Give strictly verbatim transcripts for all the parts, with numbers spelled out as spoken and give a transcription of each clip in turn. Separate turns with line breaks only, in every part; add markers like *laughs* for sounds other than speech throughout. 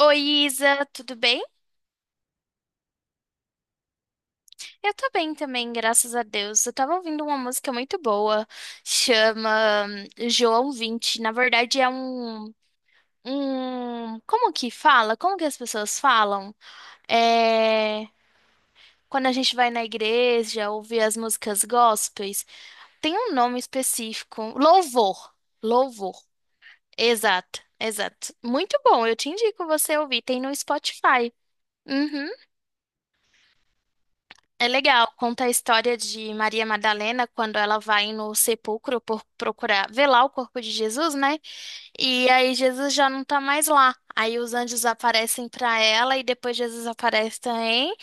Oi, Isa, tudo bem? Eu tô bem também, graças a Deus. Eu tava ouvindo uma música muito boa, chama hum, João vinte. Na verdade, é um, um. Como que fala? Como que as pessoas falam? É. Quando a gente vai na igreja ouvir as músicas gospels, tem um nome específico. Louvor. Louvor. Exato, exato. Muito bom, eu te indico você ouvir. Tem no Spotify. Uhum. É legal, conta a história de Maria Madalena quando ela vai no sepulcro por procurar velar o corpo de Jesus, né? E aí Jesus já não tá mais lá. Aí os anjos aparecem pra ela e depois Jesus aparece também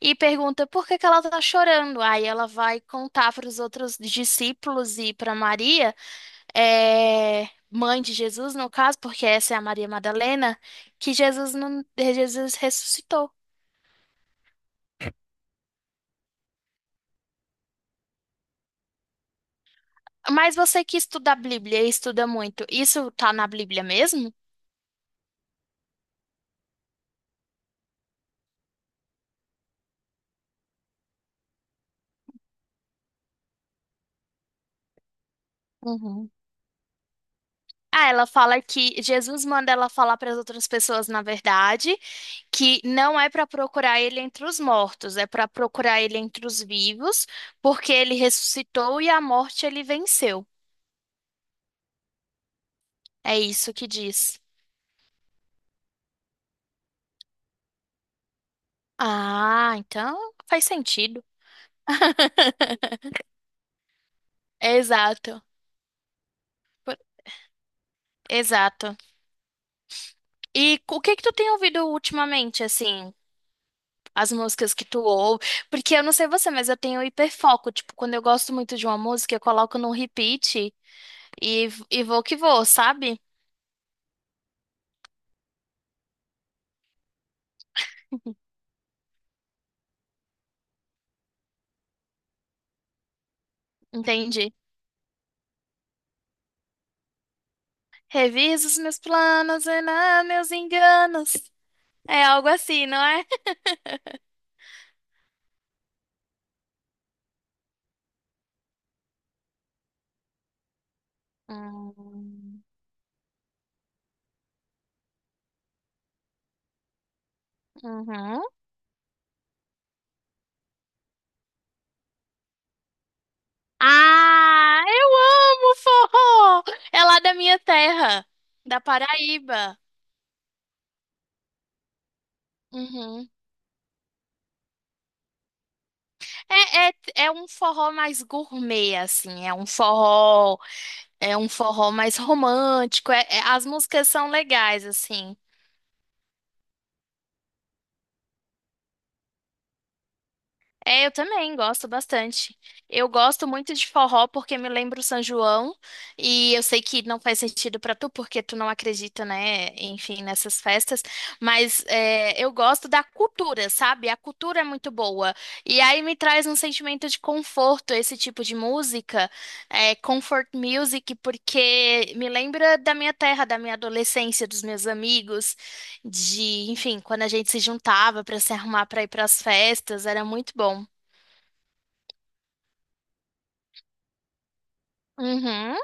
e pergunta por que que ela tá chorando. Aí ela vai contar para os outros discípulos e para Maria, é, mãe de Jesus no caso, porque essa é a Maria Madalena, que Jesus não, Jesus ressuscitou. Mas você que estuda a Bíblia e estuda muito, isso tá na Bíblia mesmo? Uhum. Ah, ela fala que Jesus manda ela falar para as outras pessoas, na verdade, que não é para procurar ele entre os mortos, é para procurar ele entre os vivos, porque ele ressuscitou e a morte ele venceu. É isso que diz. Ah, então faz sentido. *laughs* Exato. Por- Exato. E o que que tu tem ouvido ultimamente, assim? As músicas que tu ouve. Porque eu não sei você, mas eu tenho hiperfoco. Tipo, quando eu gosto muito de uma música, eu coloco no repeat e, e vou que vou, sabe? Entende? Reviso os meus planos e não meus enganos. É algo assim, não é? *laughs* Hum, uhum. Ah, eu amo forró! É lá da minha terra, da Paraíba. Uhum. É, é, é um forró mais gourmet, assim. É um forró. É um forró mais romântico. É- é- as músicas são legais, assim. É, eu também gosto bastante. Eu gosto muito de forró porque me lembra o São João. E eu sei que não faz sentido pra tu, porque tu não acredita, né? Enfim, nessas festas. Mas é, eu gosto da cultura, sabe? A cultura é muito boa. E aí me traz um sentimento de conforto esse tipo de música. É, comfort music, porque me lembra da minha terra, da minha adolescência, dos meus amigos. De, enfim, quando a gente se juntava para se arrumar para ir para as festas, era muito bom. Uhum.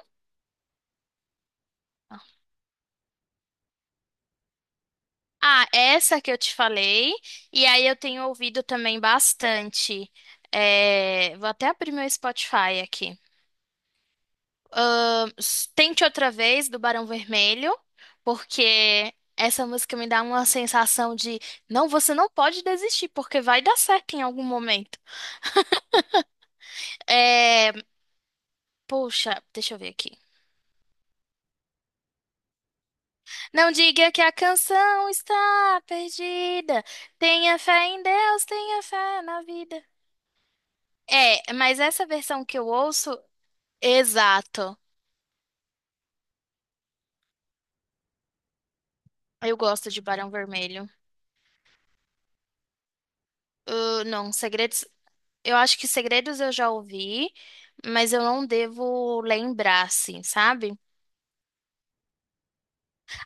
Ah, essa que eu te falei, e aí eu tenho ouvido também bastante. É, vou até abrir meu Spotify aqui. Tente Outra Vez, do Barão Vermelho, porque essa música me dá uma sensação de não, você não pode desistir, porque vai dar certo em algum momento. É, poxa, deixa eu ver aqui. Não diga que a canção está perdida. Tenha fé em Deus, tenha fé na vida. É, mas essa versão que eu ouço, exato. Eu gosto de Barão Vermelho. Uh, não, Segredos. Eu acho que Segredos eu já ouvi, mas eu não devo lembrar, assim, sabe?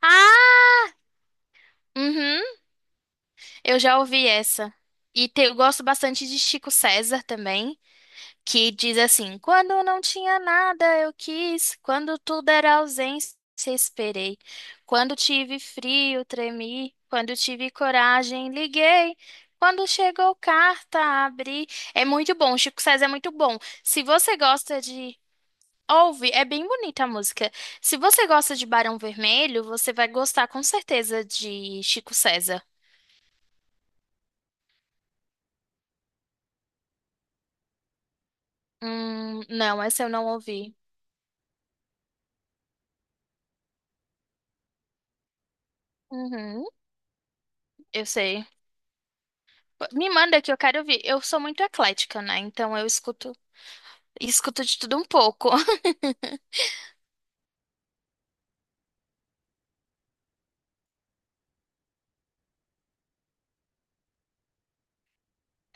Ah, uhum, eu já ouvi essa. E te- eu gosto bastante de Chico César também. Que diz assim: Quando não tinha nada, eu quis, quando tudo era ausência, esperei. Quando tive frio, tremi. Quando tive coragem, liguei. Quando chegou carta, abri. É muito bom, Chico César é muito bom. Se você gosta de. Ouve, é bem bonita a música. Se você gosta de Barão Vermelho, você vai gostar com certeza de Chico César. Hum, não, essa eu não ouvi. Uhum, eu sei. Me manda que eu quero ouvir. Eu sou muito eclética, né? Então eu escuto, escuto de tudo um pouco. *laughs*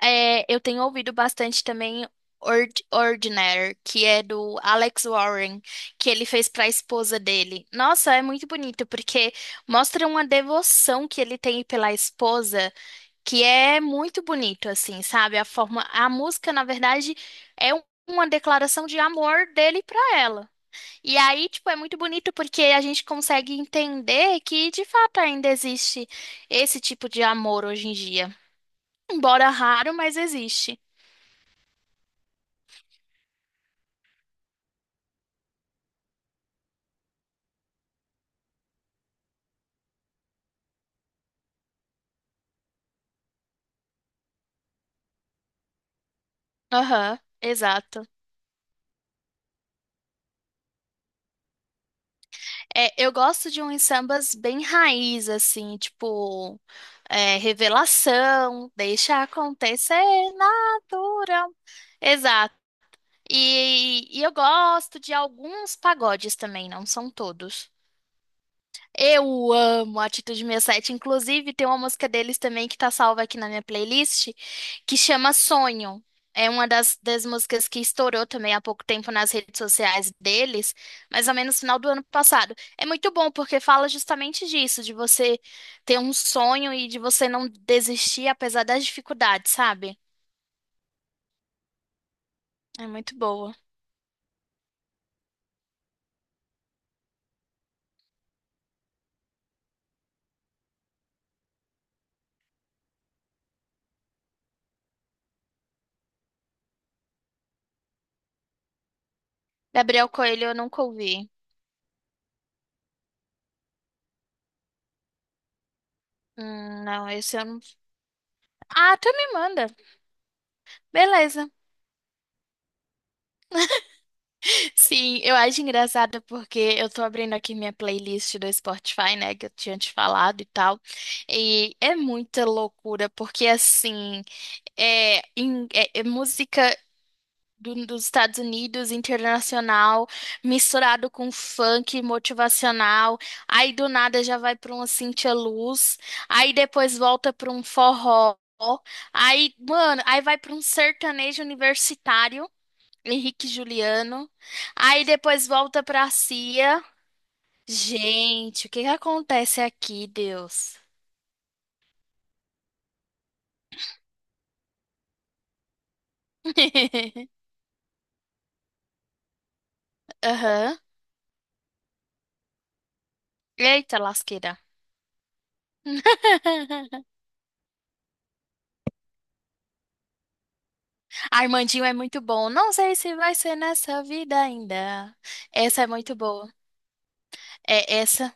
É, eu tenho ouvido bastante também Ord Ordinary, que é do Alex Warren, que ele fez para a esposa dele. Nossa, é muito bonito porque mostra uma devoção que ele tem pela esposa, que é muito bonito assim, sabe? A forma, a música, na verdade, é um- uma declaração de amor dele para ela. E aí, tipo, é muito bonito porque a gente consegue entender que de fato ainda existe esse tipo de amor hoje em dia. Embora raro, mas existe. Aham, exato. É, eu gosto de uns sambas bem raiz, assim, tipo, é, revelação, deixa acontecer natural. Exato. E, e eu gosto de alguns pagodes também, não são todos. Eu amo a Atitude sessenta e sete. Inclusive, tem uma música deles também que tá salva aqui na minha playlist, que chama Sonho. É uma das, das músicas que estourou também há pouco tempo nas redes sociais deles, mais ou menos no final do ano passado. É muito bom porque fala justamente disso, de você ter um sonho e de você não desistir apesar das dificuldades, sabe? É muito boa. Gabriel Coelho eu nunca ouvi. Hum, não, esse eu não. Ah, tu me manda. Beleza. Sim, eu acho engraçado porque eu tô abrindo aqui minha playlist do Spotify, né, que eu tinha te falado e tal, e é muita loucura, porque assim, é, em- é- é música do- dos Estados Unidos, internacional, misturado com funk motivacional, aí do nada já vai pra uma Cintia Luz, aí depois volta pra um forró, aí, mano, aí vai pra um sertanejo universitário, Henrique e Juliano. Aí depois volta pra cia. Gente, o que que acontece aqui, Deus? *laughs* Aham. Eita, lasqueira. *laughs* Armandinho é muito bom. Não sei se vai ser nessa vida ainda. Essa é muito boa. É essa.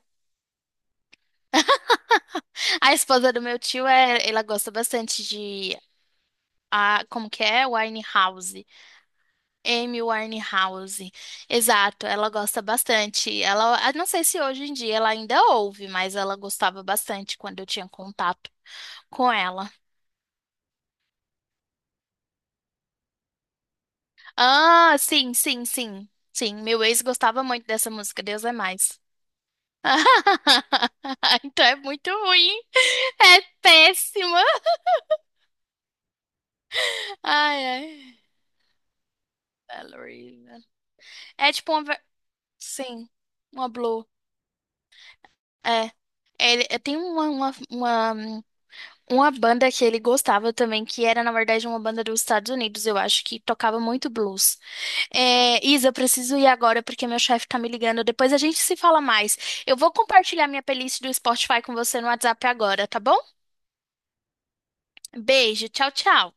A esposa do meu tio é, ela gosta bastante de a, como que é? Winehouse. Amy Winehouse. Exato, ela gosta bastante. Ela, ah, não sei se hoje em dia ela ainda ouve, mas ela gostava bastante quando eu tinha contato com ela. Ah, sim, sim, sim. Sim, meu ex gostava muito dessa música, Deus é mais. *laughs* Então é muito ruim. É péssima. Ai, ai. Ballerina. É tipo uma. ver- Sim, uma blue. É. Ele, é, tem uma, uma, uma Uma banda que ele gostava também, que era, na verdade, uma banda dos Estados Unidos, eu acho, que tocava muito blues. É, Isa, eu preciso ir agora porque meu chefe tá me ligando. Depois a gente se fala mais. Eu vou compartilhar minha playlist do Spotify com você no WhatsApp agora, tá bom? Beijo, tchau, tchau.